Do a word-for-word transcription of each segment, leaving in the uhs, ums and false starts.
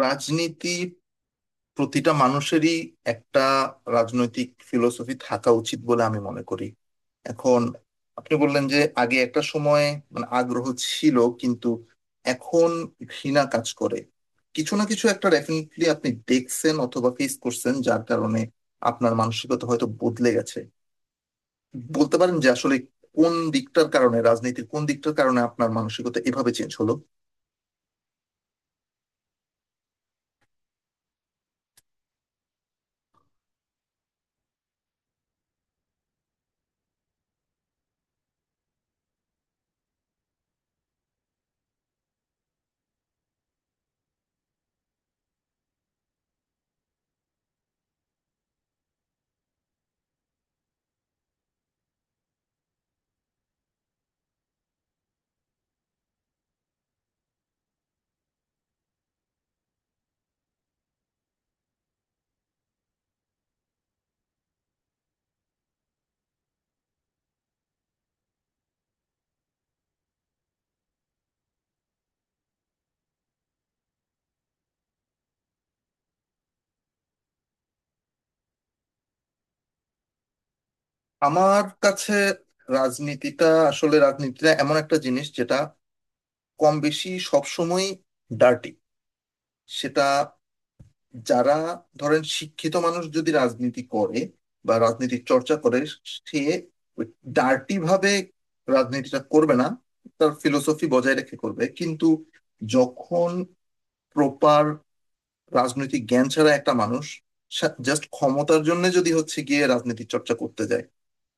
রাজনীতি প্রতিটা মানুষেরই একটা রাজনৈতিক ফিলোসফি থাকা উচিত বলে আমি মনে করি। এখন আপনি বললেন যে আগে একটা সময় মানে আগ্রহ ছিল কিন্তু এখন ঘৃণা কাজ করে। কিছু না কিছু একটা ডেফিনেটলি আপনি দেখছেন অথবা ফেস করছেন যার কারণে আপনার মানসিকতা হয়তো বদলে গেছে। বলতে পারেন যে আসলে কোন দিকটার কারণে রাজনীতির কোন দিকটার কারণে আপনার মানসিকতা এভাবে চেঞ্জ হলো? আমার কাছে রাজনীতিটা আসলে রাজনীতিটা এমন একটা জিনিস যেটা কম বেশি সবসময় ডার্টি। সেটা যারা ধরেন শিক্ষিত মানুষ যদি রাজনীতি করে বা রাজনীতির চর্চা করে, সে ডার্টি ভাবে রাজনীতিটা করবে না, তার ফিলোসফি বজায় রেখে করবে। কিন্তু যখন প্রপার রাজনৈতিক জ্ঞান ছাড়া একটা মানুষ জাস্ট ক্ষমতার জন্য যদি হচ্ছে গিয়ে রাজনীতি চর্চা করতে যায়,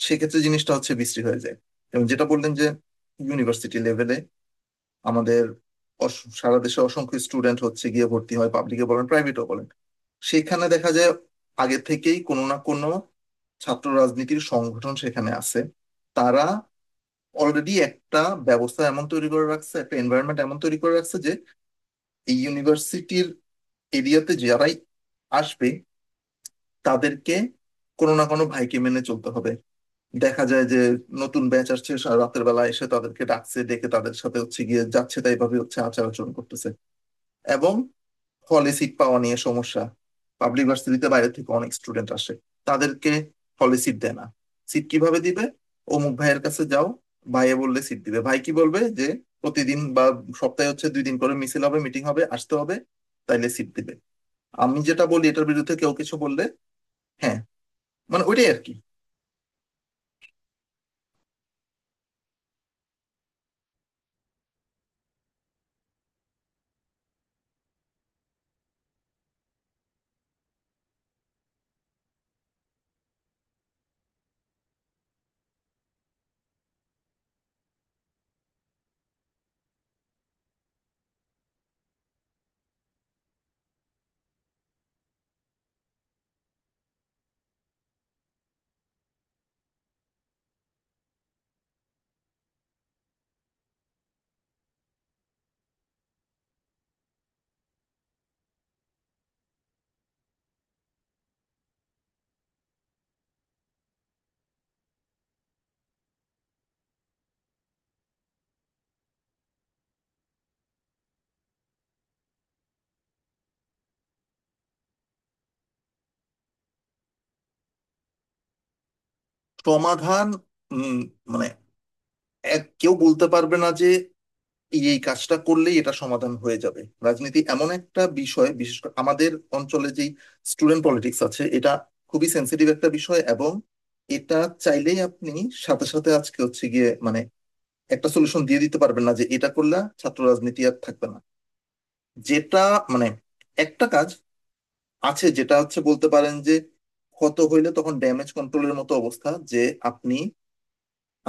সেক্ষেত্রে জিনিসটা হচ্ছে বিশ্রী হয়ে যায়। এবং যেটা বললেন যে ইউনিভার্সিটি লেভেলে আমাদের অস- সারা দেশে অসংখ্য স্টুডেন্ট হচ্ছে গিয়ে ভর্তি হয়, পাবলিকে বলেন প্রাইভেটও বলেন, সেখানে দেখা যায় আগে থেকেই কোনো না কোনো ছাত্র রাজনীতির সংগঠন সেখানে আছে। তারা অলরেডি একটা ব্যবস্থা এমন তৈরি করে রাখছে, একটা এনভায়রনমেন্ট এমন তৈরি করে রাখছে যে এই ইউনিভার্সিটির এরিয়াতে যারাই আসবে তাদেরকে কোনো না কোনো ভাইকে মেনে চলতে হবে। দেখা যায় যে নতুন ব্যাচ আসছে, সা- রাতের বেলা এসে তাদেরকে ডাকছে, ডেকে তাদের সাথে হচ্ছে গিয়ে যাচ্ছে তাই ভাবে হচ্ছে আচার আচরণ করতেছে। এবং হলে সিট পাওয়া নিয়ে সমস্যা, পাবলিক ভার্সিটিতে বাইরে থেকে অনেক স্টুডেন্ট আসে, তাদেরকে হলে সিট দেয় না। সিট কিভাবে দিবে? অমুক ভাইয়ের কাছে যাও, ভাইয়ে বললে সিট দিবে, ভাই কি বলবে যে প্রতিদিন বা সপ্তাহে হচ্ছে দুই দিন করে মিছিল হবে মিটিং হবে আসতে হবে, তাইলে সিট দিবে। আমি যেটা বলি এটার বিরুদ্ধে কেউ কিছু বললে, হ্যাঁ, মানে ওইটাই আর কি। সমাধান, উম, মানে এক কেউ বলতে পারবে না যে এই এই কাজটা করলেই এটা সমাধান হয়ে যাবে। রাজনীতি এমন একটা বিষয় বিশেষ করে আমাদের অঞ্চলে যেই স্টুডেন্ট পলিটিক্স আছে, এটা খুবই সেন্সিটিভ একটা বিষয়। এবং এটা চাইলেই আপনি সাথে সাথে আজকে হচ্ছে গিয়ে মানে একটা সলিউশন দিয়ে দিতে পারবেন না যে এটা করলে ছাত্র রাজনীতি আর থাকবে না। যেটা মানে একটা কাজ আছে, যেটা হচ্ছে বলতে পারেন যে ক্ষত হইলে তখন ড্যামেজ কন্ট্রোলের মতো অবস্থা, যে আপনি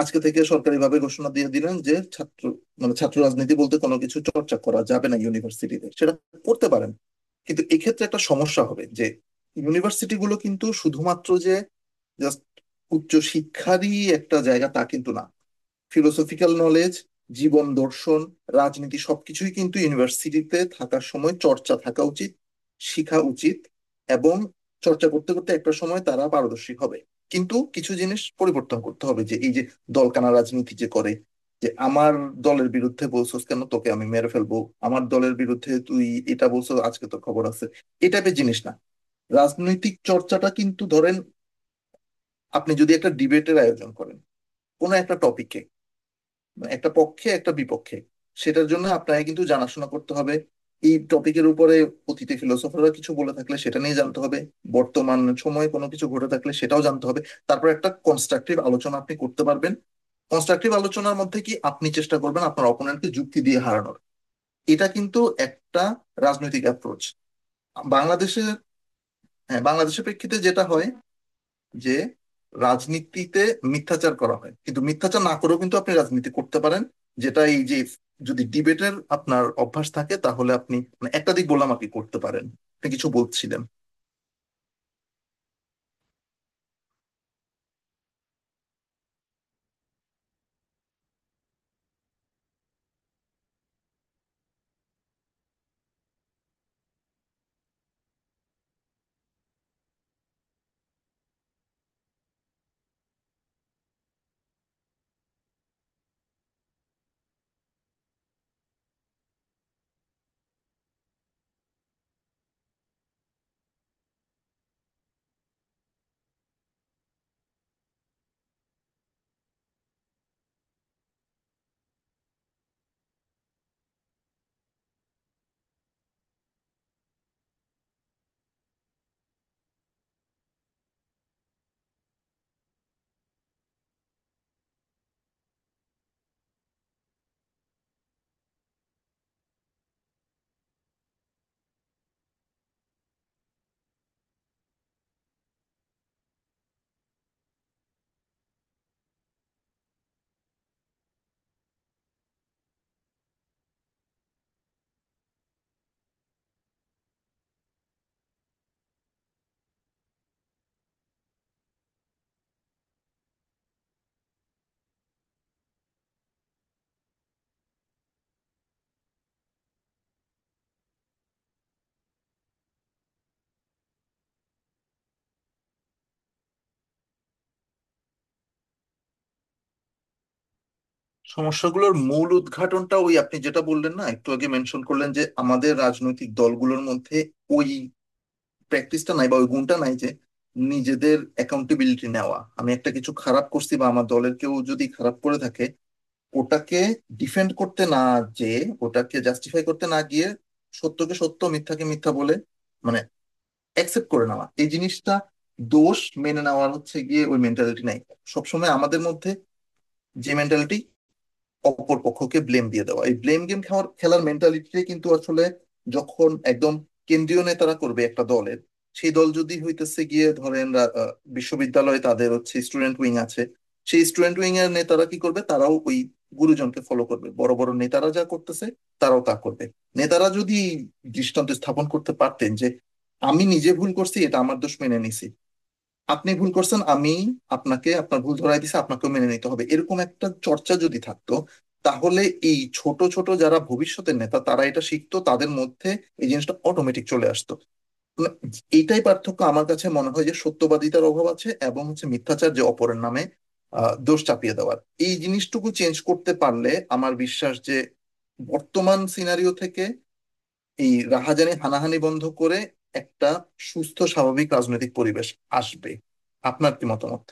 আজকে থেকে সরকারিভাবে ঘোষণা দিয়ে দিলেন যে ছাত্র মানে ছাত্র রাজনীতি বলতে কোনো কিছু চর্চা করা যাবে না ইউনিভার্সিটিতে, সেটা করতে পারেন। কিন্তু এক্ষেত্রে একটা সমস্যা হবে যে ইউনিভার্সিটি গুলো কিন্তু শুধুমাত্র যে জাস্ট উচ্চ শিক্ষারই একটা জায়গা তা কিন্তু না। ফিলোসফিক্যাল নলেজ, জীবন দর্শন, রাজনীতি সবকিছুই কিন্তু ইউনিভার্সিটিতে থাকার সময় চর্চা থাকা উচিত, শেখা উচিত। এবং চর্চা করতে করতে একটা সময় তারা পারদর্শী হবে। কিন্তু কিছু জিনিস পরিবর্তন করতে হবে, যে এই যে দলকানা রাজনীতি যে করে, যে আমার দলের বিরুদ্ধে বলছস কেন, তোকে আমি মেরে ফেলবো, আমার দলের বিরুদ্ধে তুই এটা বলছো আজকে তোর খবর আছে, এই টাইপের জিনিস না। রাজনৈতিক চর্চাটা কিন্তু ধরেন আপনি যদি একটা ডিবেটের আয়োজন করেন কোনো একটা টপিকে, একটা পক্ষে একটা বিপক্ষে, সেটার জন্য আপনাকে কিন্তু জানাশোনা করতে হবে এই টপিকের উপরে। অতীতে ফিলোসফাররা কিছু বলে থাকলে সেটা নিয়ে জানতে হবে, বর্তমান সময়ে কোনো কিছু ঘটে থাকলে সেটাও জানতে হবে। তারপর একটা কনস্ট্রাকটিভ আলোচনা আপনি করতে পারবেন। কনস্ট্রাকটিভ আলোচনার মধ্যে কি আপনি চেষ্টা করবেন আপনার অপোনেন্টকে যুক্তি দিয়ে হারানোর, এটা কিন্তু একটা রাজনৈতিক অ্যাপ্রোচ। বাংলাদেশের, হ্যাঁ, বাংলাদেশের প্রেক্ষিতে যেটা হয় যে রাজনীতিতে মিথ্যাচার করা হয়, কিন্তু মিথ্যাচার না করেও কিন্তু আপনি রাজনীতি করতে পারেন। যেটা এই যে যদি ডিবেটের আপনার অভ্যাস থাকে তাহলে আপনি মানে একাধিক বললাম আপনি করতে পারেন। আপনি কিছু বলছিলেন। সমস্যাগুলোর মূল উদ্ঘাটনটা ওই আপনি যেটা বললেন না একটু আগে মেনশন করলেন যে আমাদের রাজনৈতিক দলগুলোর মধ্যে ওই প্র্যাকটিসটা নাই বা ওই গুণটা নাই, যে নিজেদের অ্যাকাউন্টেবিলিটি নেওয়া। আমি একটা কিছু খারাপ করছি বা আমার দলের কেউ যদি খারাপ করে থাকে, ওটাকে ডিফেন্ড করতে না, যে ওটাকে জাস্টিফাই করতে না গিয়ে সত্যকে সত্য মিথ্যাকে মিথ্যা বলে মানে অ্যাকসেপ্ট করে নেওয়া, এই জিনিসটা, দোষ মেনে নেওয়ার হচ্ছে গিয়ে ওই মেন্টালিটি নাই সবসময় আমাদের মধ্যে। যে মেন্টালিটি অপর পক্ষকে ব্লেম দিয়ে দেওয়া, এই ব্লেম গেম খেলার খেলার মেন্টালিটিটাই কিন্তু আসলে, যখন একদম কেন্দ্রীয় নেতারা করবে একটা দলের, সেই দল যদি হইতেছে গিয়ে ধরেন রা- আহ, বিশ্ববিদ্যালয়ে তাদের হচ্ছে স্টুডেন্ট উইং আছে, সেই স্টুডেন্ট উইং এর নেতারা কি করবে, তারাও ওই গুরুজনকে ফলো করবে। বড় বড় নেতারা যা করতেছে তারাও তা করবে। নেতারা যদি দৃষ্টান্ত স্থাপন করতে পারতেন যে আমি নিজে ভুল করছি এটা আমার দোষ মেনে নিছি, আপনি ভুল করছেন আমি আপনাকে আপনার ভুল ধরাই দিছি আপনাকেও মেনে নিতে হবে, এরকম একটা চর্চা যদি থাকতো, তাহলে এই ছোট ছোট যারা ভবিষ্যতের নেতা তারা এটা শিখতো, তাদের মধ্যে এই জিনিসটা অটোমেটিক চলে আসতো। মানে এইটাই পার্থক্য আমার কাছে মনে হয়, যে সত্যবাদিতার অভাব আছে এবং হচ্ছে মিথ্যাচার যে অপরের নামে আহ, দোষ চাপিয়ে দেওয়ার, এই জিনিসটুকু চেঞ্জ করতে পারলে আমার বিশ্বাস যে বর্তমান সিনারিও থেকে এই রাহাজানি হানাহানি বন্ধ করে একটা সুস্থ স্বাভাবিক রাজনৈতিক পরিবেশ আসবে। আপনার কি মতামত?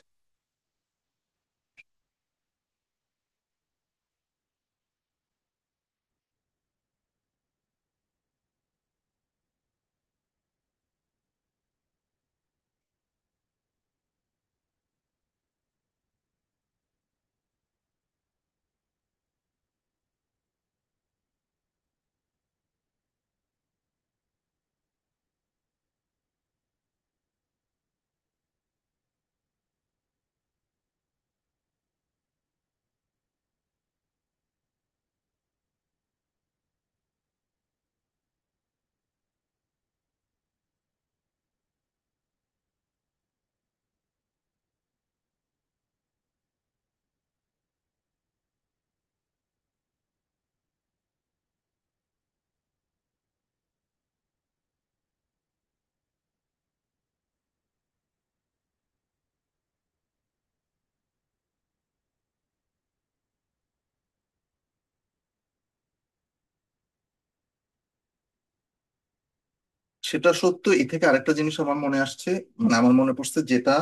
সেটা সত্য, এ থেকে আরেকটা জিনিস আমার মনে আসছে, মানে আমার মনে পড়ছে, যেটা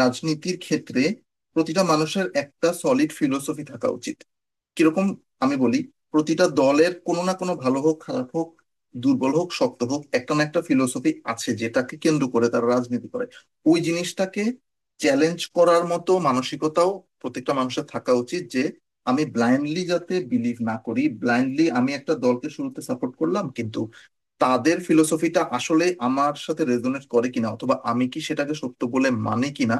রাজনীতির ক্ষেত্রে প্রতিটা মানুষের একটা সলিড ফিলোসফি থাকা উচিত। কিরকম? আমি বলি, প্রতিটা দলের কোনো না কোনো ভালো হোক খারাপ হোক, দুর্বল হোক শক্ত হোক, একটা না একটা ফিলোসফি আছে যেটাকে কেন্দ্র করে তারা রাজনীতি করে। ওই জিনিসটাকে চ্যালেঞ্জ করার মতো মানসিকতাও প্রত্যেকটা মানুষের থাকা উচিত, যে আমি ব্লাইন্ডলি যাতে বিলিভ না করি। ব্লাইন্ডলি আমি একটা দলকে শুরুতে সাপোর্ট করলাম কিন্তু তাদের ফিলোসফিটা আসলে আমার সাথে রেজোনেট করে কিনা অথবা আমি কি সেটাকে সত্য বলে মানে কিনা,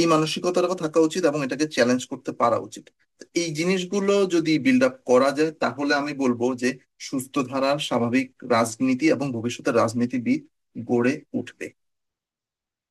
এই মানসিকতাটাও থাকা উচিত এবং এটাকে চ্যালেঞ্জ করতে পারা উচিত। তো এই জিনিসগুলো যদি বিল্ড আপ করা যায় তাহলে আমি বলবো যে সুস্থ ধারার স্বাভাবিক রাজনীতি এবং ভবিষ্যতে রাজনীতিবিদ গড়ে উঠবে।